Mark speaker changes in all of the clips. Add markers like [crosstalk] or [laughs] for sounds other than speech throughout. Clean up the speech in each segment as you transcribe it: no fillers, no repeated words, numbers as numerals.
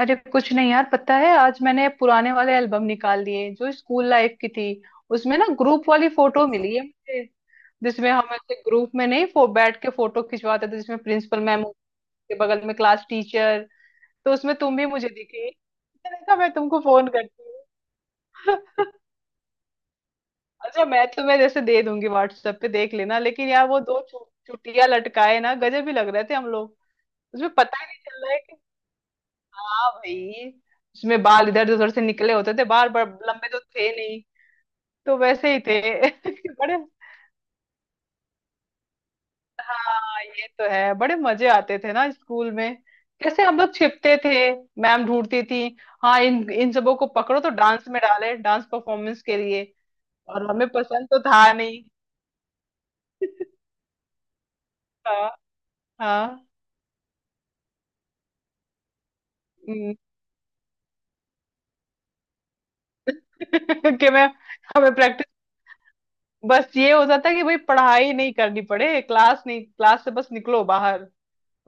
Speaker 1: अरे कुछ नहीं यार, पता है आज मैंने पुराने वाले एल्बम निकाल लिए जो स्कूल लाइफ की थी। उसमें ना ग्रुप वाली फोटो मिली है मुझे, जिसमें हम ऐसे ग्रुप में नहीं बैठ के फोटो खिंचवाते थे जिसमें प्रिंसिपल मैम के बगल में क्लास टीचर। तो उसमें तुम भी मुझे दिखी, मैंने कहा मैं तुमको फोन करती हूँ। [laughs] अच्छा, मैं तुम्हें जैसे दे दूंगी, व्हाट्सएप पे देख लेना। लेकिन यार वो दो चुटिया लटकाए ना गजब ही लग रहे थे हम लोग। उसमें पता ही नहीं चल रहा है। हाँ भाई, उसमें बाल इधर उधर से निकले होते थे, बाल बड़ लंबे तो थे नहीं, तो वैसे ही थे। [laughs] बड़े। हाँ ये तो है, बड़े मजे आते थे ना स्कूल में। कैसे हम लोग छिपते थे, मैम ढूंढती थी। हाँ, इन इन सबों को पकड़ो तो डांस में डाले, डांस परफॉर्मेंस के लिए। और हमें पसंद तो था नहीं। [laughs] हाँ हाँ। हम्म। [laughs] कि मैं, हमें प्रैक्टिस। बस ये होता था कि भाई पढ़ाई नहीं करनी पड़े, क्लास नहीं, क्लास से बस निकलो बाहर।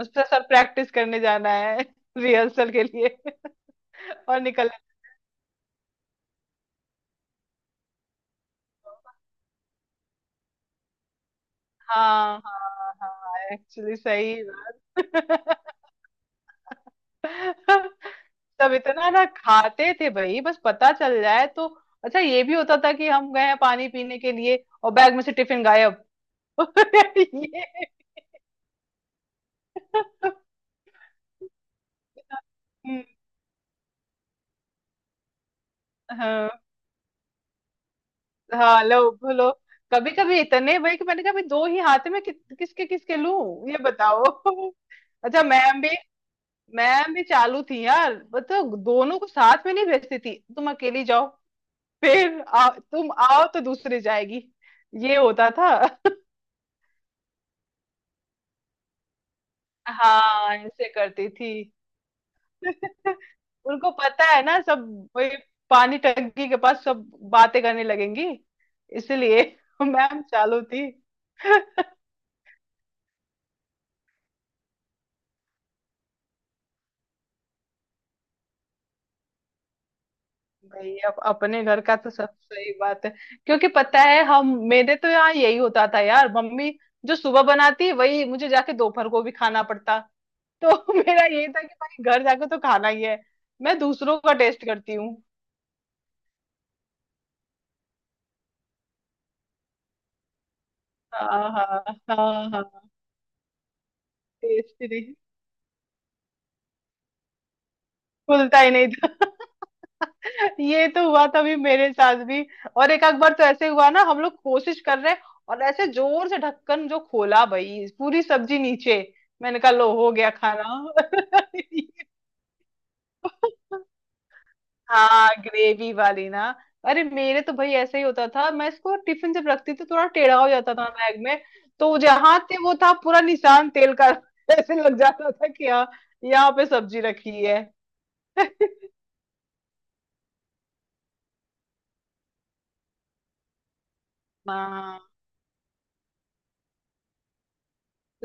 Speaker 1: उस पर सर प्रैक्टिस करने जाना है, [laughs] रिहर्सल के लिए। [laughs] और निकल। हाँ हाँ हाँ, एक्चुअली सही बात। [laughs] सब इतना ना खाते थे भाई, बस पता चल जाए तो। अच्छा ये भी होता था कि हम गए हैं पानी पीने के लिए और बैग में से टिफिन गायब। [laughs] ये। हम्म, हाँ हाँ लो बोलो। कभी कभी इतने भाई कि मैंने कहा भाई दो ही हाथ में कि, किसके किसके लूं ये बताओ। [laughs] अच्छा मैम भी, मैम भी चालू थी यार। मतलब दोनों को साथ में नहीं भेजती थी, तुम अकेली जाओ। फिर तुम आओ तो दूसरी जाएगी, ये होता था। हाँ ऐसे करती थी। [laughs] उनको पता है ना सब। वही, पानी टंकी के पास सब बातें करने लगेंगी, इसलिए। [laughs] मैम चालू थी। भाई अब अपने घर का तो सब सही बात है। क्योंकि पता है हम, मेरे तो यहाँ यही होता था यार, मम्मी जो सुबह बनाती वही मुझे जाके दोपहर को भी खाना पड़ता। तो [laughs] मेरा ये था कि भाई घर जाके तो खाना ही है, मैं दूसरों का टेस्ट करती हूँ। हाँ हाँ हाँ हाँ। टेस्ट नहीं। खुलता ही नहीं था। [laughs] ये तो हुआ था भी, मेरे साथ भी। और एक आध बार तो ऐसे हुआ ना, हम लोग कोशिश कर रहे हैं और ऐसे जोर से ढक्कन जो खोला, भाई पूरी सब्जी नीचे। मैंने कहा लो हो गया खाना। [laughs] हाँ ग्रेवी वाली ना। अरे मेरे तो भाई ऐसा ही होता था, मैं इसको टिफिन जब रखती थी थोड़ा टेढ़ा हो जाता था बैग में। तो जहाँ थे वो था पूरा निशान तेल का। [laughs] ऐसे लग जाता था कि हाँ, यहाँ पे सब्जी रखी है। [laughs] हाँ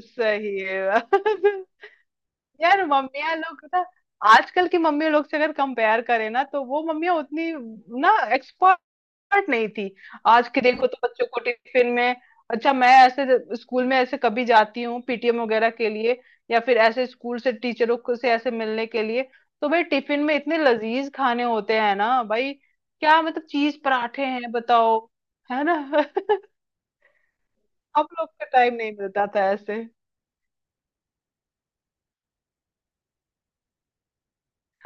Speaker 1: सही है [laughs] बात। यार मम्मियाँ लोग ना, आजकल की मम्मी लोग से अगर कंपेयर करें ना, तो वो मम्मियाँ उतनी ना स्टार्ट नहीं थी। आज के देखो तो बच्चों को टिफिन में, अच्छा मैं ऐसे स्कूल में ऐसे कभी जाती हूँ पीटीएम वगैरह के लिए, या फिर ऐसे स्कूल से टीचरों को से ऐसे मिलने के लिए, तो भाई टिफिन में इतने लजीज खाने होते हैं ना भाई। क्या मतलब चीज पराठे हैं, बताओ। है ना? [laughs] हम लोग को टाइम नहीं मिलता था ऐसे।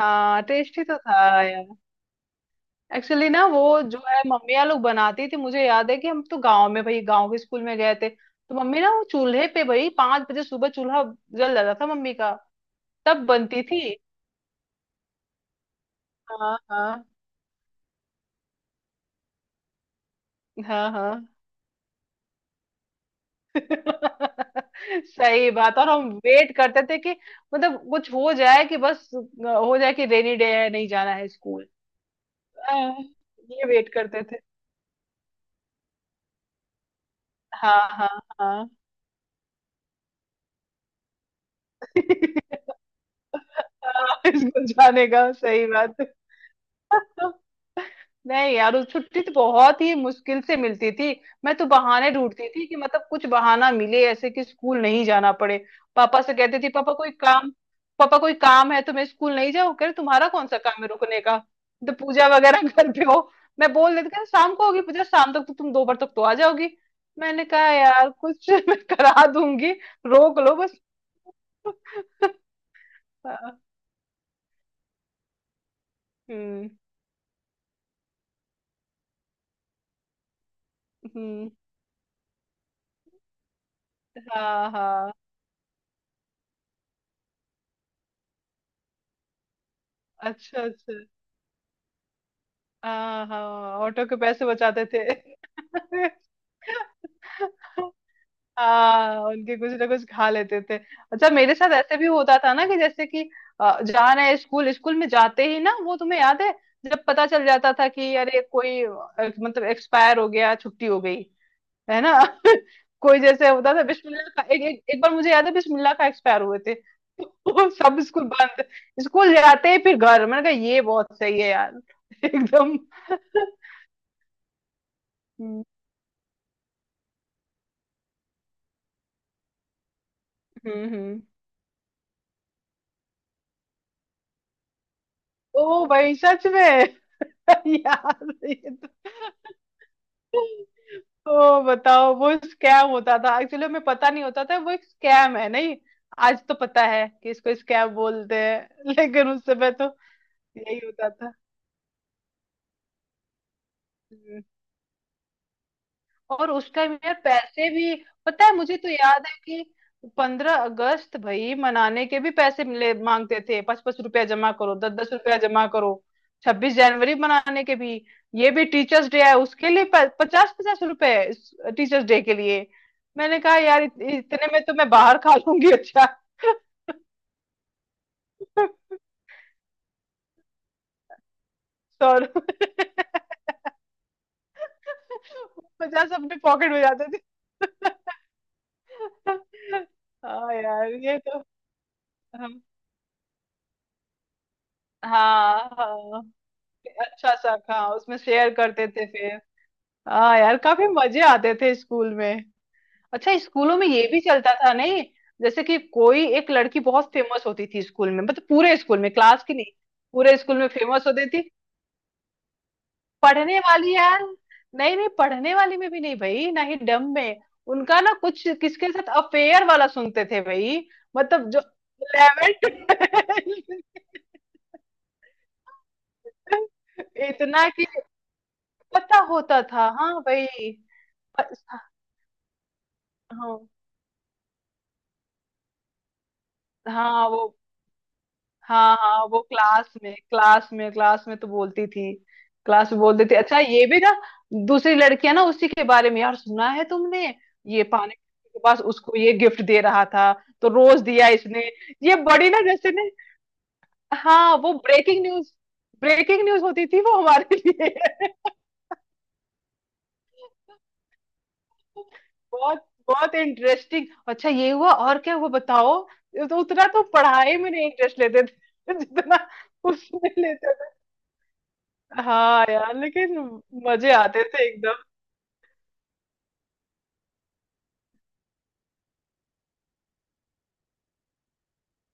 Speaker 1: हाँ टेस्टी तो था यार। एक्चुअली ना वो जो है मम्मियाँ लोग बनाती थी, मुझे याद है कि हम तो गांव में भाई, गांव के स्कूल में गए थे, तो मम्मी ना वो चूल्हे पे भाई पांच बजे सुबह चूल्हा जल जाता था मम्मी का। तब बनती थी। हाँ हाँ हाँ हाँ। [laughs] सही बात। और हम वेट करते थे कि मतलब कुछ हो जाए कि बस हो जाए कि रेनी डे है, नहीं जाना है स्कूल। हाँ, ये वेट करते थे। हाँ हाँ हाँ। [laughs] हाँ, स्कूल जाने का सही बात। नहीं यार, उस छुट्टी तो बहुत ही मुश्किल से मिलती थी। मैं तो बहाने ढूंढती थी कि मतलब कुछ बहाना मिले ऐसे कि स्कूल नहीं जाना पड़े। पापा से कहती थी पापा कोई काम, पापा कोई काम है तो मैं स्कूल नहीं जाऊँ। कह रहे, तुम्हारा कौन सा काम है रुकने का? तो पूजा वगैरह [laughs] घर पे हो। मैं बोल देती, कह रहे शाम को होगी पूजा, शाम तक तो तुम दो बार तक तो आ जाओगी। मैंने कहा यार कुछ [laughs] मैं करा दूंगी, रोक लो बस। [laughs] हाँ, हम्म हम्म। हाँ हाँ। अच्छा अच्छा। हाँ हाँ। ऑटो के पैसे बचाते थे। [laughs] हाँ उनके कुछ ना कुछ खा लेते थे। अच्छा मेरे साथ ऐसे भी होता था ना, कि जैसे कि जा रहे हैं स्कूल, स्कूल में जाते ही ना वो तुम्हें याद है, जब पता चल जाता था कि अरे कोई मतलब एक्सपायर हो गया, छुट्टी हो गई, है ना। [laughs] कोई जैसे होता था बिस्मिल्लाह का, एक बार मुझे याद है बिस्मिल्लाह का एक्सपायर हुए थे। [laughs] वो सब स्कूल बंद। स्कूल जाते ही फिर घर, मैंने कहा ये बहुत सही है यार। [laughs] एकदम। [laughs] हम्म। ओ भाई सच में। [laughs] यार ये तो, ओ बताओ वो स्कैम होता था, एक्चुअली में पता नहीं होता था वो एक स्कैम है नहीं। आज तो पता है कि इसको स्कैम बोलते हैं, [laughs] लेकिन उस समय तो यही होता था। और उस टाइम यार पैसे भी, पता है मुझे तो याद है कि पंद्रह अगस्त भाई मनाने के भी पैसे मिले मांगते थे, पाँच पाँच रुपया जमा करो, दस दस रुपया जमा करो। छब्बीस जनवरी मनाने के भी, ये भी टीचर्स डे है उसके लिए पचास पचास रुपए टीचर्स डे के लिए। मैंने कहा यार इतने में तो मैं बाहर खा लूंगी अच्छा। [laughs] सौ। [laughs] पचास अपने पॉकेट में जाते थे। [laughs] हाँ यार ये तो। हाँ हाँ, अच्छा सा हाँ, उसमें शेयर करते थे फिर। हाँ यार, काफी मजे आते थे स्कूल में। अच्छा स्कूलों में ये भी चलता था नहीं, जैसे कि कोई एक लड़की बहुत फेमस होती थी स्कूल में, मतलब पूरे स्कूल में, क्लास की नहीं, पूरे स्कूल में फेमस होती थी। पढ़ने वाली यार? नहीं नहीं, पढ़ने वाली में भी नहीं भाई, ना ही डम में। उनका ना कुछ किसके साथ अफेयर वाला सुनते थे भाई। मतलब जो 11 [laughs] इतना कि पता होता था हाँ भाई। हाँ हाँ वो। हाँ हाँ वो क्लास में, क्लास में, क्लास में तो बोलती थी। क्लास में बोलती थी। अच्छा ये भी ना, दूसरी लड़कियां ना उसी के बारे में यार, सुना है तुमने, ये पानी के पास उसको ये गिफ्ट दे रहा था, तो रोज दिया इसने, ये बड़ी ना जैसे ने। हाँ वो ब्रेकिंग न्यूज, ब्रेकिंग न्यूज होती थी वो हमारे लिए। [laughs] बहुत बहुत इंटरेस्टिंग। अच्छा ये हुआ और क्या हुआ, बताओ। ये तो उतना तो पढ़ाई में नहीं इंटरेस्ट लेते थे [laughs] जितना उसमें लेते। हाँ यार लेकिन मजे आते थे एकदम।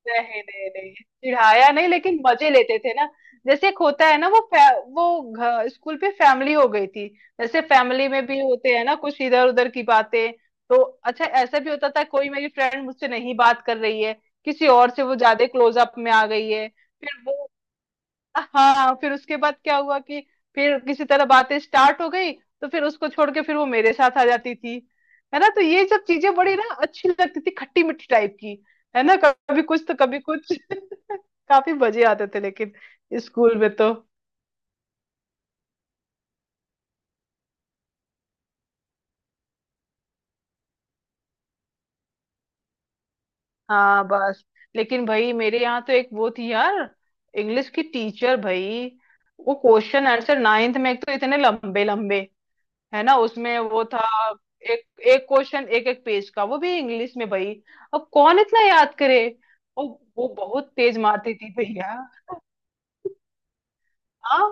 Speaker 1: नहीं नहीं नहीं, चिढ़ाया नहीं लेकिन मजे लेते थे ना। जैसे एक होता है ना, वो स्कूल पे फैमिली हो गई थी। जैसे फैमिली में भी होते हैं ना कुछ इधर उधर की बातें, तो अच्छा ऐसा भी होता था, कोई मेरी फ्रेंड मुझसे नहीं बात कर रही है, किसी और से वो ज्यादा क्लोज अप में आ गई है। फिर वो, हाँ फिर उसके बाद क्या हुआ कि फिर किसी तरह बातें स्टार्ट हो गई, तो फिर उसको छोड़ के फिर वो मेरे साथ आ जाती थी। है ना, तो ये सब चीजें बड़ी ना अच्छी लगती थी, खट्टी मीठी टाइप की। है ना, कभी कुछ तो कभी कुछ। [laughs] काफी मजे आते थे लेकिन, स्कूल में तो। हाँ बस। लेकिन भाई मेरे यहाँ तो एक वो थी यार, इंग्लिश की टीचर भाई, वो क्वेश्चन आंसर नाइन्थ में, एक तो इतने लंबे लंबे, है ना उसमें वो था, एक एक क्वेश्चन एक एक पेज का, वो भी इंग्लिश में भाई, अब कौन इतना याद करे। और वो बहुत तेज मारती थी भैया। हाँ।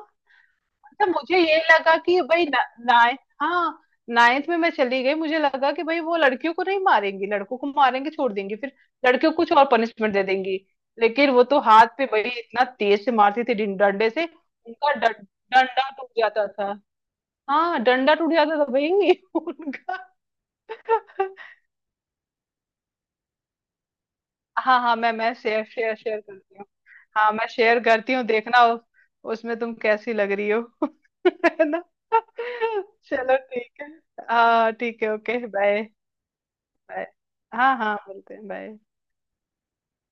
Speaker 1: मतलब मुझे ये लगा कि भाई नाइन्थ, हाँ नाइन्थ में मैं चली गई, मुझे लगा कि भाई वो लड़कियों को नहीं मारेंगी, लड़कों को मारेंगे, छोड़ देंगी फिर लड़कियों को कुछ और पनिशमेंट दे देंगी। लेकिन वो तो हाथ पे भाई इतना तेज से मारती थी, डंडे से, उनका डंडा टूट जाता था। हाँ डंडा टूट जाता था भाई। [laughs] उनका। हाँ हाँ मैं शेयर शेयर शेयर करती हूँ। हाँ मैं शेयर करती हूँ, देखना उसमें तुम कैसी लग रही हो। [laughs] है ना? चलो ठीक है। हाँ ठीक है ओके बाय। बाय, हाँ हाँ मिलते हैं, बाय।